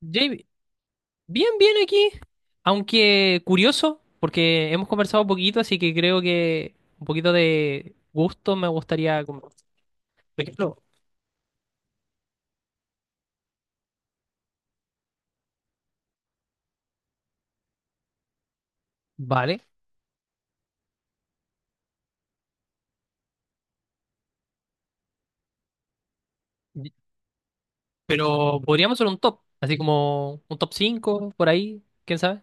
Jay, bien, bien aquí, aunque curioso, porque hemos conversado un poquito, así que creo que un poquito de gusto me gustaría, como, por ejemplo, vale, y- pero podríamos hacer un top, así como un top 5 por ahí, quién sabe.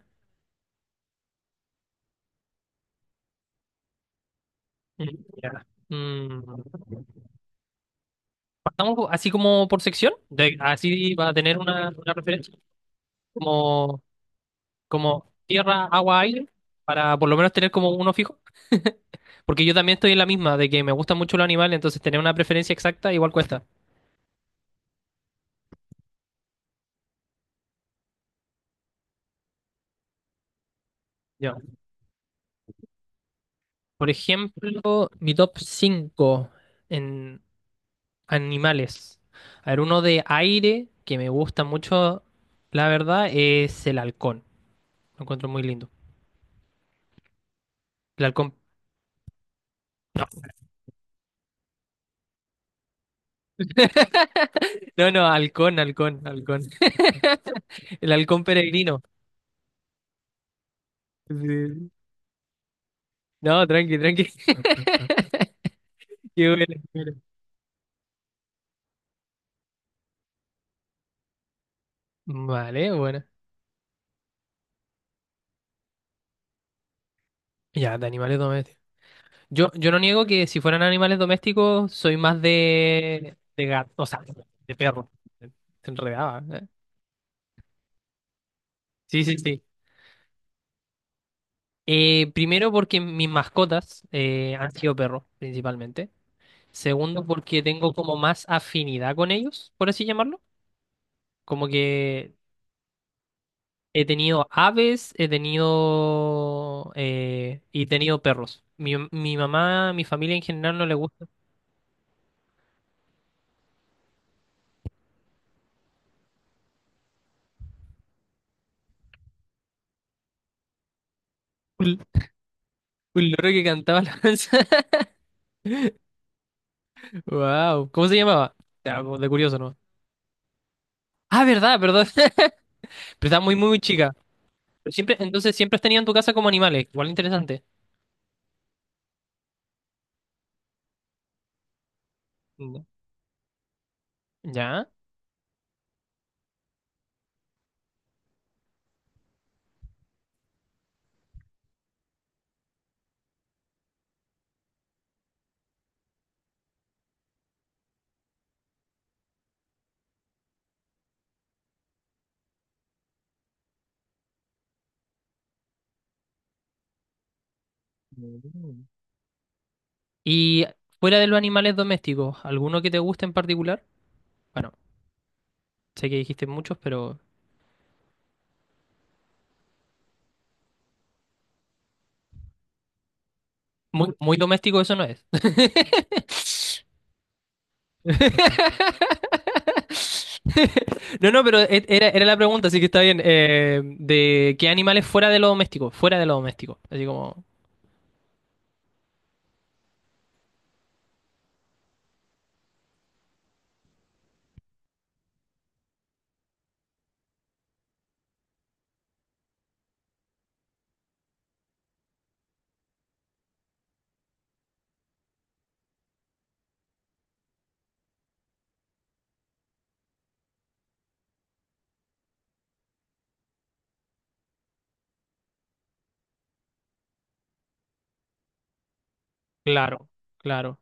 Mm, ya. Así como por sección, así va a tener una referencia, como, como tierra, agua, aire, para por lo menos tener como uno fijo. Porque yo también estoy en la misma, de que me gustan mucho los animales, entonces tener una preferencia exacta igual cuesta. Ya. Por ejemplo, mi top 5 en animales. A ver, uno de aire que me gusta mucho, la verdad, es el halcón. Lo encuentro muy lindo. El halcón. No, no, halcón, halcón, halcón. El halcón peregrino. Sí. No, tranqui, tranqui. Qué bueno, qué bueno. Vale, bueno. Ya, de animales domésticos. Yo no niego que si fueran animales domésticos, soy más de gato, o sea, de perro. Se enredaba, ¿eh? Sí, sí, sí. Primero porque mis mascotas han sido perros, principalmente. Segundo porque tengo como más afinidad con ellos, por así llamarlo. Como que he tenido aves, he tenido... y he tenido perros. Mi mamá, mi familia en general no le gusta. Un, un loro que cantaba la alabanza. Wow. ¿Cómo se llamaba? Ya, como de curioso, ¿no? Ah, verdad, verdad. Pero estaba muy, muy, muy chica. Pero siempre, entonces siempre has tenido en tu casa como animales. Igual interesante. Mm. ¿Ya? Mm. Y fuera de los animales domésticos, ¿alguno que te guste en particular? Bueno, sé que dijiste muchos, pero muy, muy doméstico eso no es. No, no, pero era, era la pregunta, así que está bien. ¿De qué animales fuera de lo doméstico? Fuera de lo doméstico. Así como, claro, claro,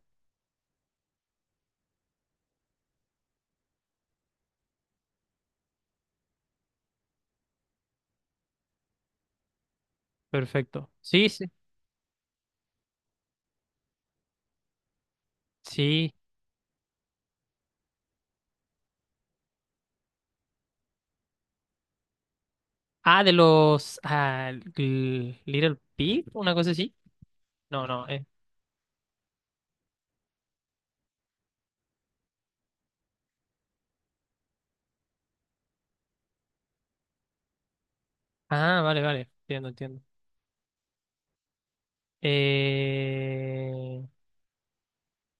perfecto. Sí, sí. Sí. Ah, de los ah, Little Pig, una cosa así. No, no. Eh. Ah, vale, vale. Entiendo, entiendo. Eh,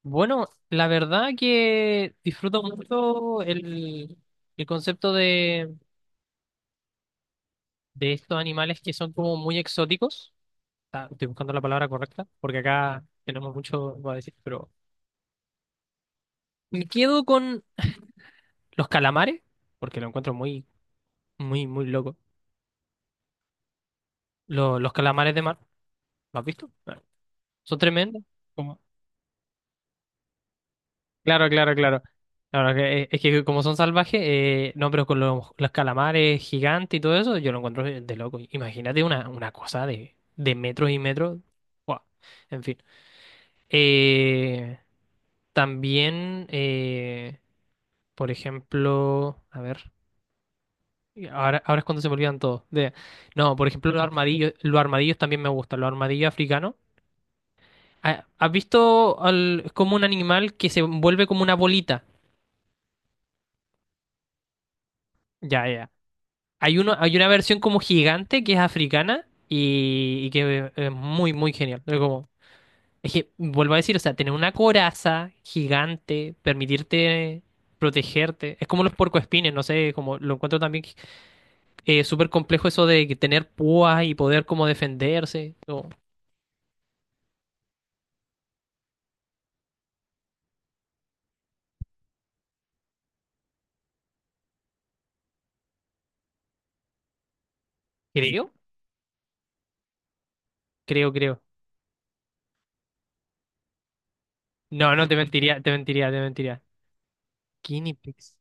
Bueno, la verdad que disfruto mucho el concepto de estos animales que son como muy exóticos. Ah, estoy buscando la palabra correcta, porque acá tenemos mucho para decir, pero me quedo con los calamares, porque lo encuentro muy, muy, muy loco. Los calamares de mar, ¿lo has visto? Son tremendos. Como- claro, claro, claro. Claro, es que como son salvajes, no, pero con los calamares gigantes y todo eso, yo lo encuentro de, loco. Imagínate una cosa de metros y metros. Guau. En fin. Eh, también, por ejemplo, a ver, ahora, ahora es cuando se me olvidan todos. No, por ejemplo, los armadillos también me gustan, los armadillos africanos. Ah, ¿has visto como un animal que se vuelve como una bolita? Ya, ya. Hay uno, hay una versión como gigante que es africana y que es muy, muy genial. Pero como, es que, vuelvo a decir, o sea, tener una coraza gigante, permitirte protegerte, es como los puercoespines, no sé, como lo encuentro también súper complejo eso de que tener púas y poder como defenderse. No, creo, creo, creo. No, no, te mentiría, te mentiría, te mentiría. Guinea pigs,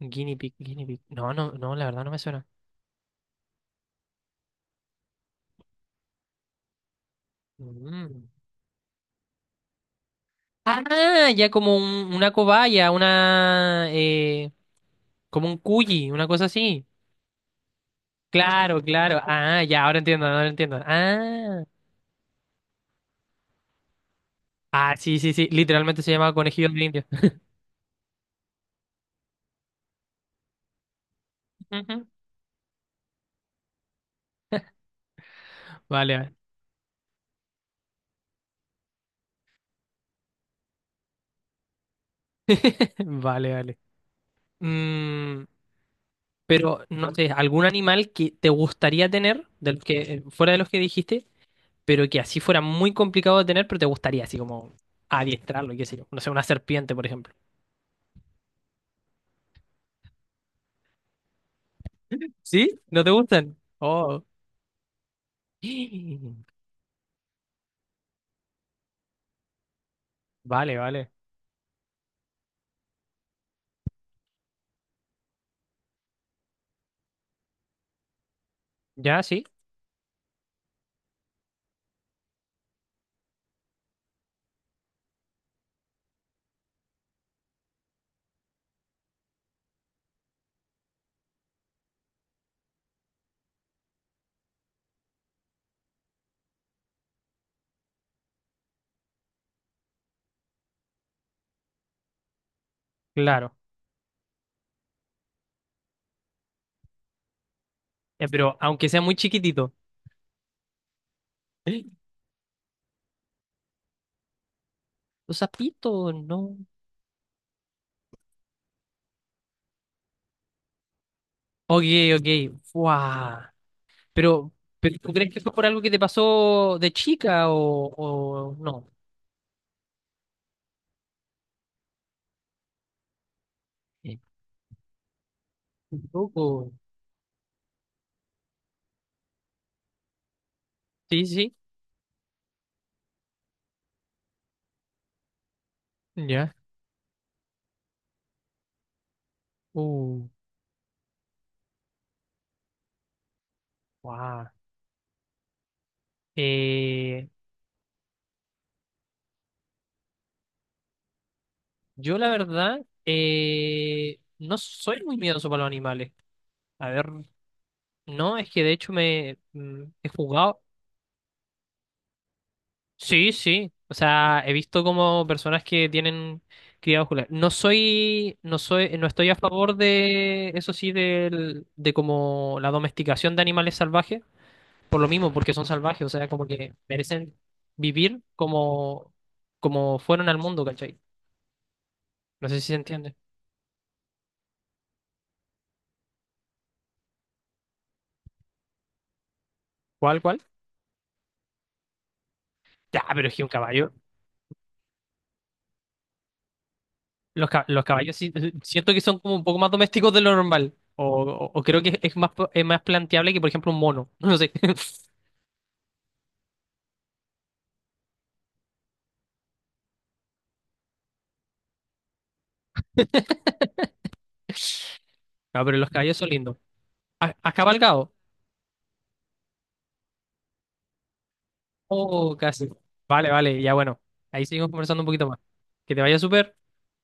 guinea pig, guinea pig. No, no, no, la verdad no me suena. Mm. Ah, ya como una cobaya, una, como un cuyi, una cosa así. Claro, claro. Ah, ya, ahora entiendo, ahora entiendo. Ah, ah, sí, sí, sí. Literalmente se llama conejillo de India. Ujú. Vale, vale, vale, vale. Mm, pero, no sé, ¿algún animal que te gustaría tener, de los que, fuera de los que dijiste, pero que así fuera muy complicado de tener, pero te gustaría así como adiestrarlo, qué sé yo? No sé, una serpiente, por ejemplo. ¿Sí? ¿No te gustan? Oh. Vale, vale. Ya, sí, claro. Pero aunque sea muy chiquitito. ¡Eh! Los zapitos, no. Ok, ok. Fuá. Pero, pero ¿tú crees que fue por algo que te pasó de chica o no? Eh, un poco. Sí, sí. Ya. Uh, guau. Eh, yo la verdad, no soy muy miedoso para los animales. A ver, no, es que de hecho me he jugado. Sí, sí. O sea, he visto como personas que tienen cría vascular. No soy, no estoy a favor de, eso sí, del, de como la domesticación de animales salvajes, por lo mismo, porque son salvajes, o sea, como que merecen vivir como, como fueron al mundo, ¿cachai? No sé si se entiende. ¿Cuál, cuál? Ya, pero es que un caballo. Los, los caballos sí, siento que son como un poco más domésticos de lo normal. O, o creo que es más, es más planteable que, por ejemplo, un mono. No sé. No, pero los caballos son lindos. ¿Has, has cabalgado? Oh, casi. Vale, vale, ya bueno. Ahí seguimos conversando un poquito más. Que te vaya súper.